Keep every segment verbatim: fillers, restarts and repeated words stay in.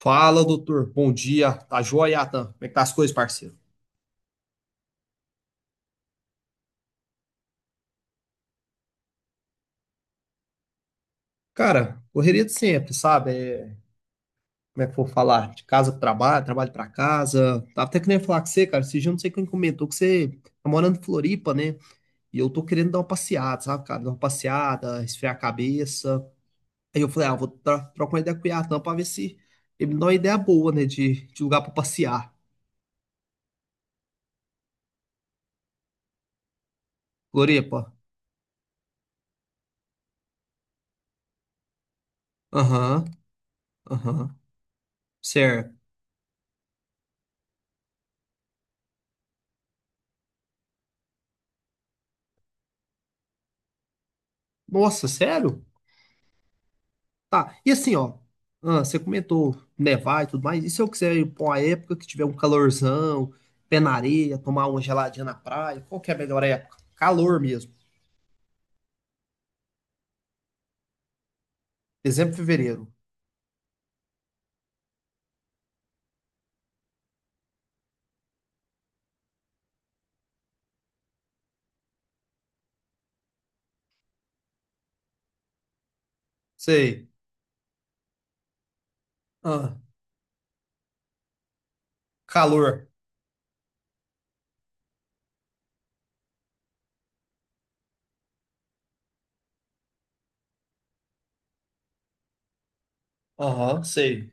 Fala, doutor. Bom dia. Tá joia, Atan? Como é que tá as coisas, parceiro? Cara, correria de sempre, sabe? É, como é que eu vou falar? De casa pro trabalho, trabalho pra casa. Tava até querendo falar com você, cara. Esse dia eu não sei quem comentou que você tá morando em Floripa, né? E eu tô querendo dar uma passeada, sabe, cara? Dar uma passeada, esfriar a cabeça. Aí eu falei, ah, eu vou tro trocar uma ideia com o Atan pra ver se ele me dá uma ideia boa, né? De, de lugar pra passear. Floripa. Aham, aham. Certo. Nossa, sério? Tá, e assim, ó, ah, você comentou nevar e tudo mais, e se eu quiser ir pra uma época que tiver um calorzão, pé na areia, tomar uma geladinha na praia, qual que é a melhor época? Calor mesmo. Exemplo, fevereiro. Sei. Ah, calor. Aham, sei.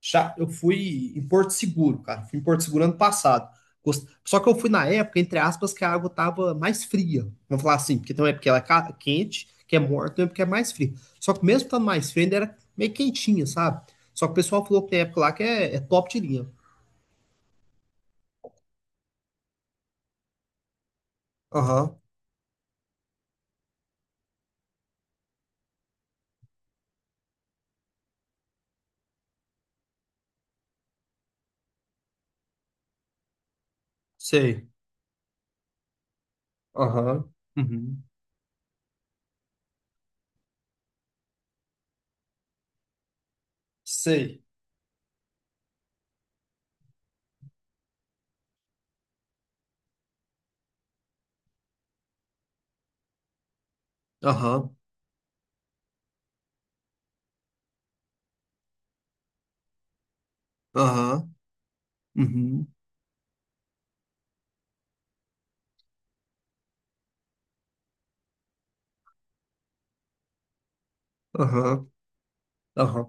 Já, eu fui em Porto Seguro, cara. Fui em Porto Seguro ano passado. Gost- Só que eu fui na época, entre aspas, que a água tava mais fria. Vamos falar assim, porque tem uma época que ela é ca- quente, que é morta, tem uma época que é mais fria. Só que mesmo estando mais fria, ainda era meio quentinha, sabe? Só que o pessoal falou que tem época lá que é, é top de linha. Aham, sei. Aham, uhum, sei. Aham, aham, uhum, aham, aham,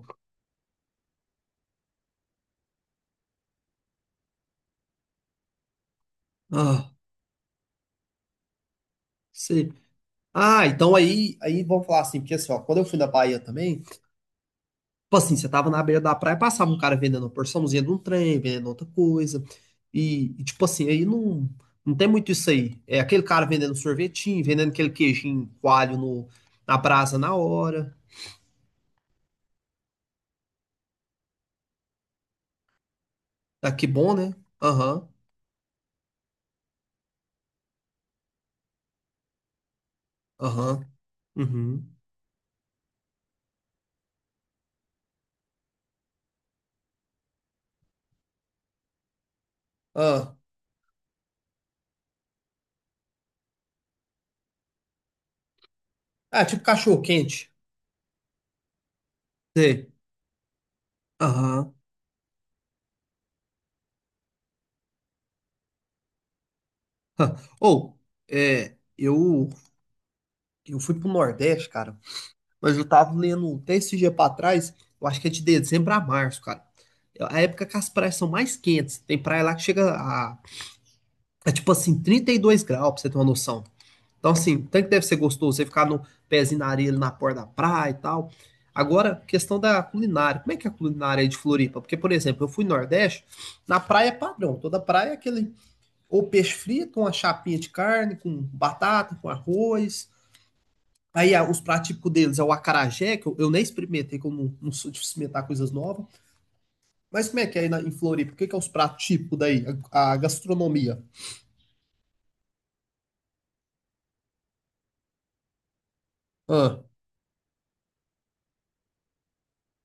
ah, sei. Ah, então aí, aí vamos falar assim, porque assim, ó, quando eu fui na Bahia também. Tipo assim, você tava na beira da praia, passava um cara vendendo uma porçãozinha de um trem, vendendo outra coisa. E, e, tipo assim, aí não, não tem muito isso aí. É aquele cara vendendo sorvetinho, vendendo aquele queijinho coalho no, na brasa na hora. Ah, que bom, né? Aham, aham, uhum. Ah, ah, tipo cachorro quente. Sei. Aham. Ah. Ou, é, eu, eu fui pro Nordeste, cara. Mas eu tava lendo um texto esse dia pra trás, eu acho que é de dezembro a março, cara. É a época que as praias são mais quentes. Tem praia lá que chega a, a, tipo assim, trinta e dois graus, pra você ter uma noção. Então, assim, tanto que deve ser gostoso você ficar no pezinho na areia, ali na porta da praia e tal. Agora, questão da culinária. Como é que é a culinária aí de Floripa? Porque, por exemplo, eu fui no Nordeste, na praia é padrão. Toda praia é aquele ou peixe frito, com uma chapinha de carne, com batata, com arroz. Aí ah, os pratos típicos deles é o acarajé, que eu, eu nem experimentei, que eu não, não sou de experimentar coisas novas. Mas como é que é aí na, em Floripa? O que, que é os pratos típicos daí? A, a gastronomia. Ah,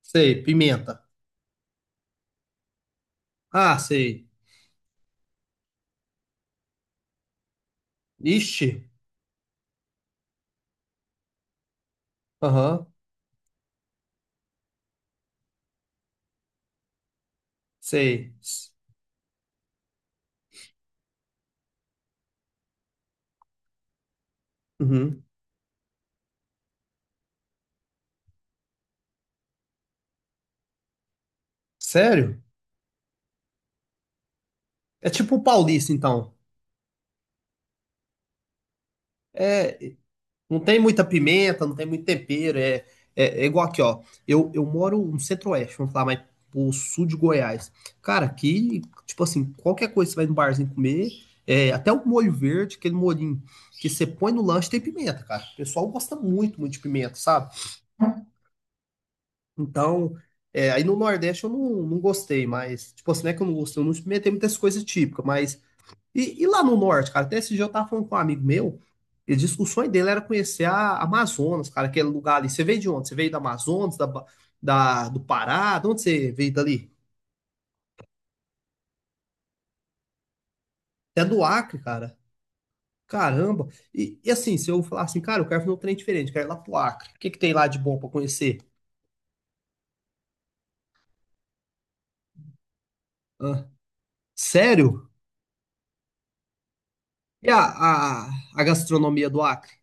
sei, pimenta. Ah, sei. Ixi. Aham, sei. Uhum. Sério? É tipo o paulista, então. É, não tem muita pimenta, não tem muito tempero. É, é, é igual aqui, ó. Eu, eu moro no centro-oeste, vamos falar, mas pro sul de Goiás. Cara, aqui, tipo assim, qualquer coisa que você vai no barzinho comer, é, até o molho verde, aquele molhinho que você põe no lanche, tem pimenta, cara. O pessoal gosta muito, muito de pimenta, sabe? Então, é, aí no Nordeste eu não, não gostei, mas, tipo assim, não é que eu não gostei, eu não experimentei muitas coisas típicas, mas e, e lá no norte, cara, até esse dia eu tava falando com um amigo meu, ele disse que o sonho dele era conhecer a Amazonas, cara, aquele lugar ali. Você veio de onde? Você veio da Amazonas, da, Ba- da- do Pará? De onde você veio dali? Até do Acre, cara. Caramba. E, e assim, se eu falar assim, cara, eu quero fazer um trem diferente, quero ir lá pro Acre. O que que tem lá de bom pra conhecer? Hã? Sério? E a, a, a gastronomia do Acre?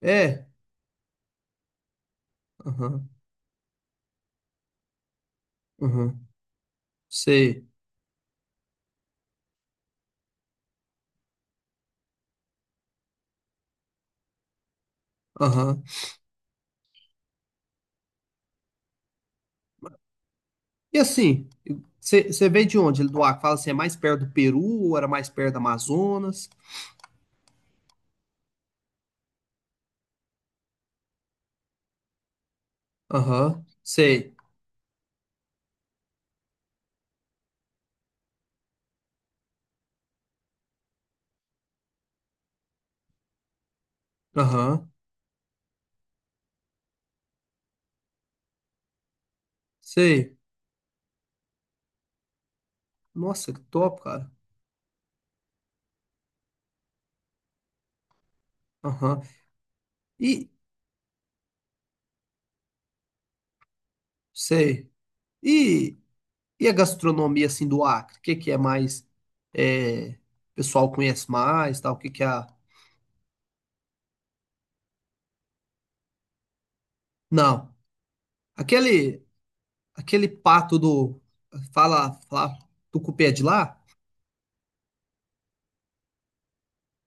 É? Aham, aham, sei. Aham. E assim, você veio de onde? Ele do Acre? Fala assim, é mais perto do Peru ou era mais perto do Amazonas? Aham, sei. Aham, sei. Nossa, que top, cara. Aham. E, Sei. E, e a gastronomia, assim, do Acre? O que que é mais... É, o pessoal conhece mais, tal? O que que é a... Não. Aquele, aquele pato do... Fala, fala, do cupê de lá?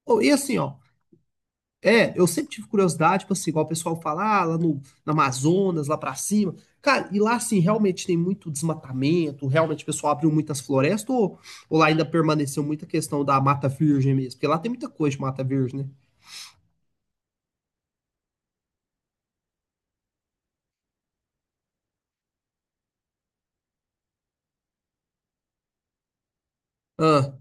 Oh, e assim, ó. É, eu sempre tive curiosidade, tipo assim, igual o pessoal fala, ah, lá no, no Amazonas, lá pra cima. Cara, e lá, assim, realmente tem muito desmatamento, realmente o pessoal abriu muitas florestas, ou, ou lá ainda permaneceu muita questão da mata virgem mesmo? Porque lá tem muita coisa de mata virgem, né? Ah,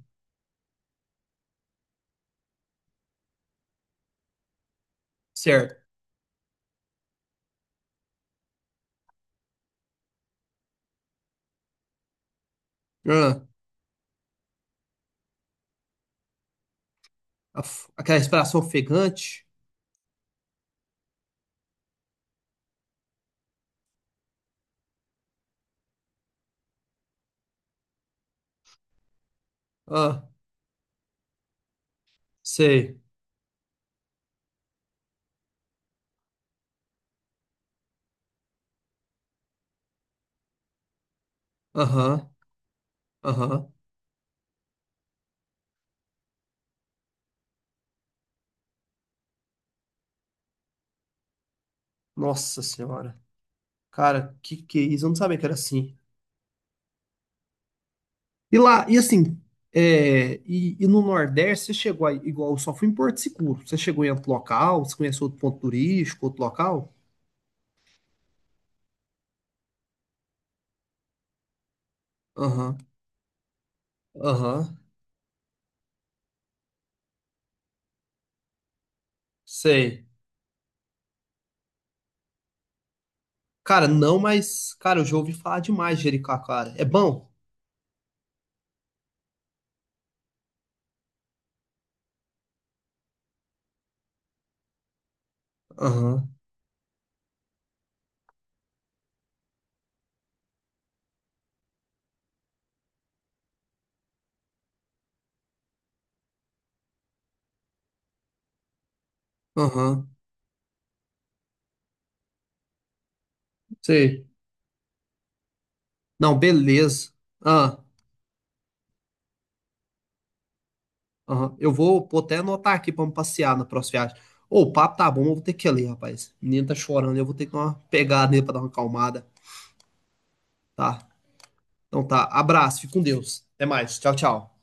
certo. Ah, a f- aquela respiração ofegante. Ah, sei. Aham, aham. Nossa Senhora. Cara, que que é isso? Eu não sabia que era assim. E lá, e assim, é, e, e no Nordeste, você chegou aí, igual, eu só fui em Porto Seguro. Você chegou em outro local? Você conheceu outro ponto turístico, outro local? Aham, aham, sei. Cara, não, mas, cara, eu já ouvi falar demais de Jericoacoara. É bom? Aham, aham, sei. Não, beleza. Ah, aham. Eu vou, vou até anotar aqui pra me passear na próxima viagem. Ô, o papo tá bom, eu vou ter que ir ali, rapaz. O menino tá chorando, eu vou ter que dar uma pegada nele pra dar uma acalmada. Tá. Então tá, abraço, fique com Deus. Até mais. Tchau, tchau.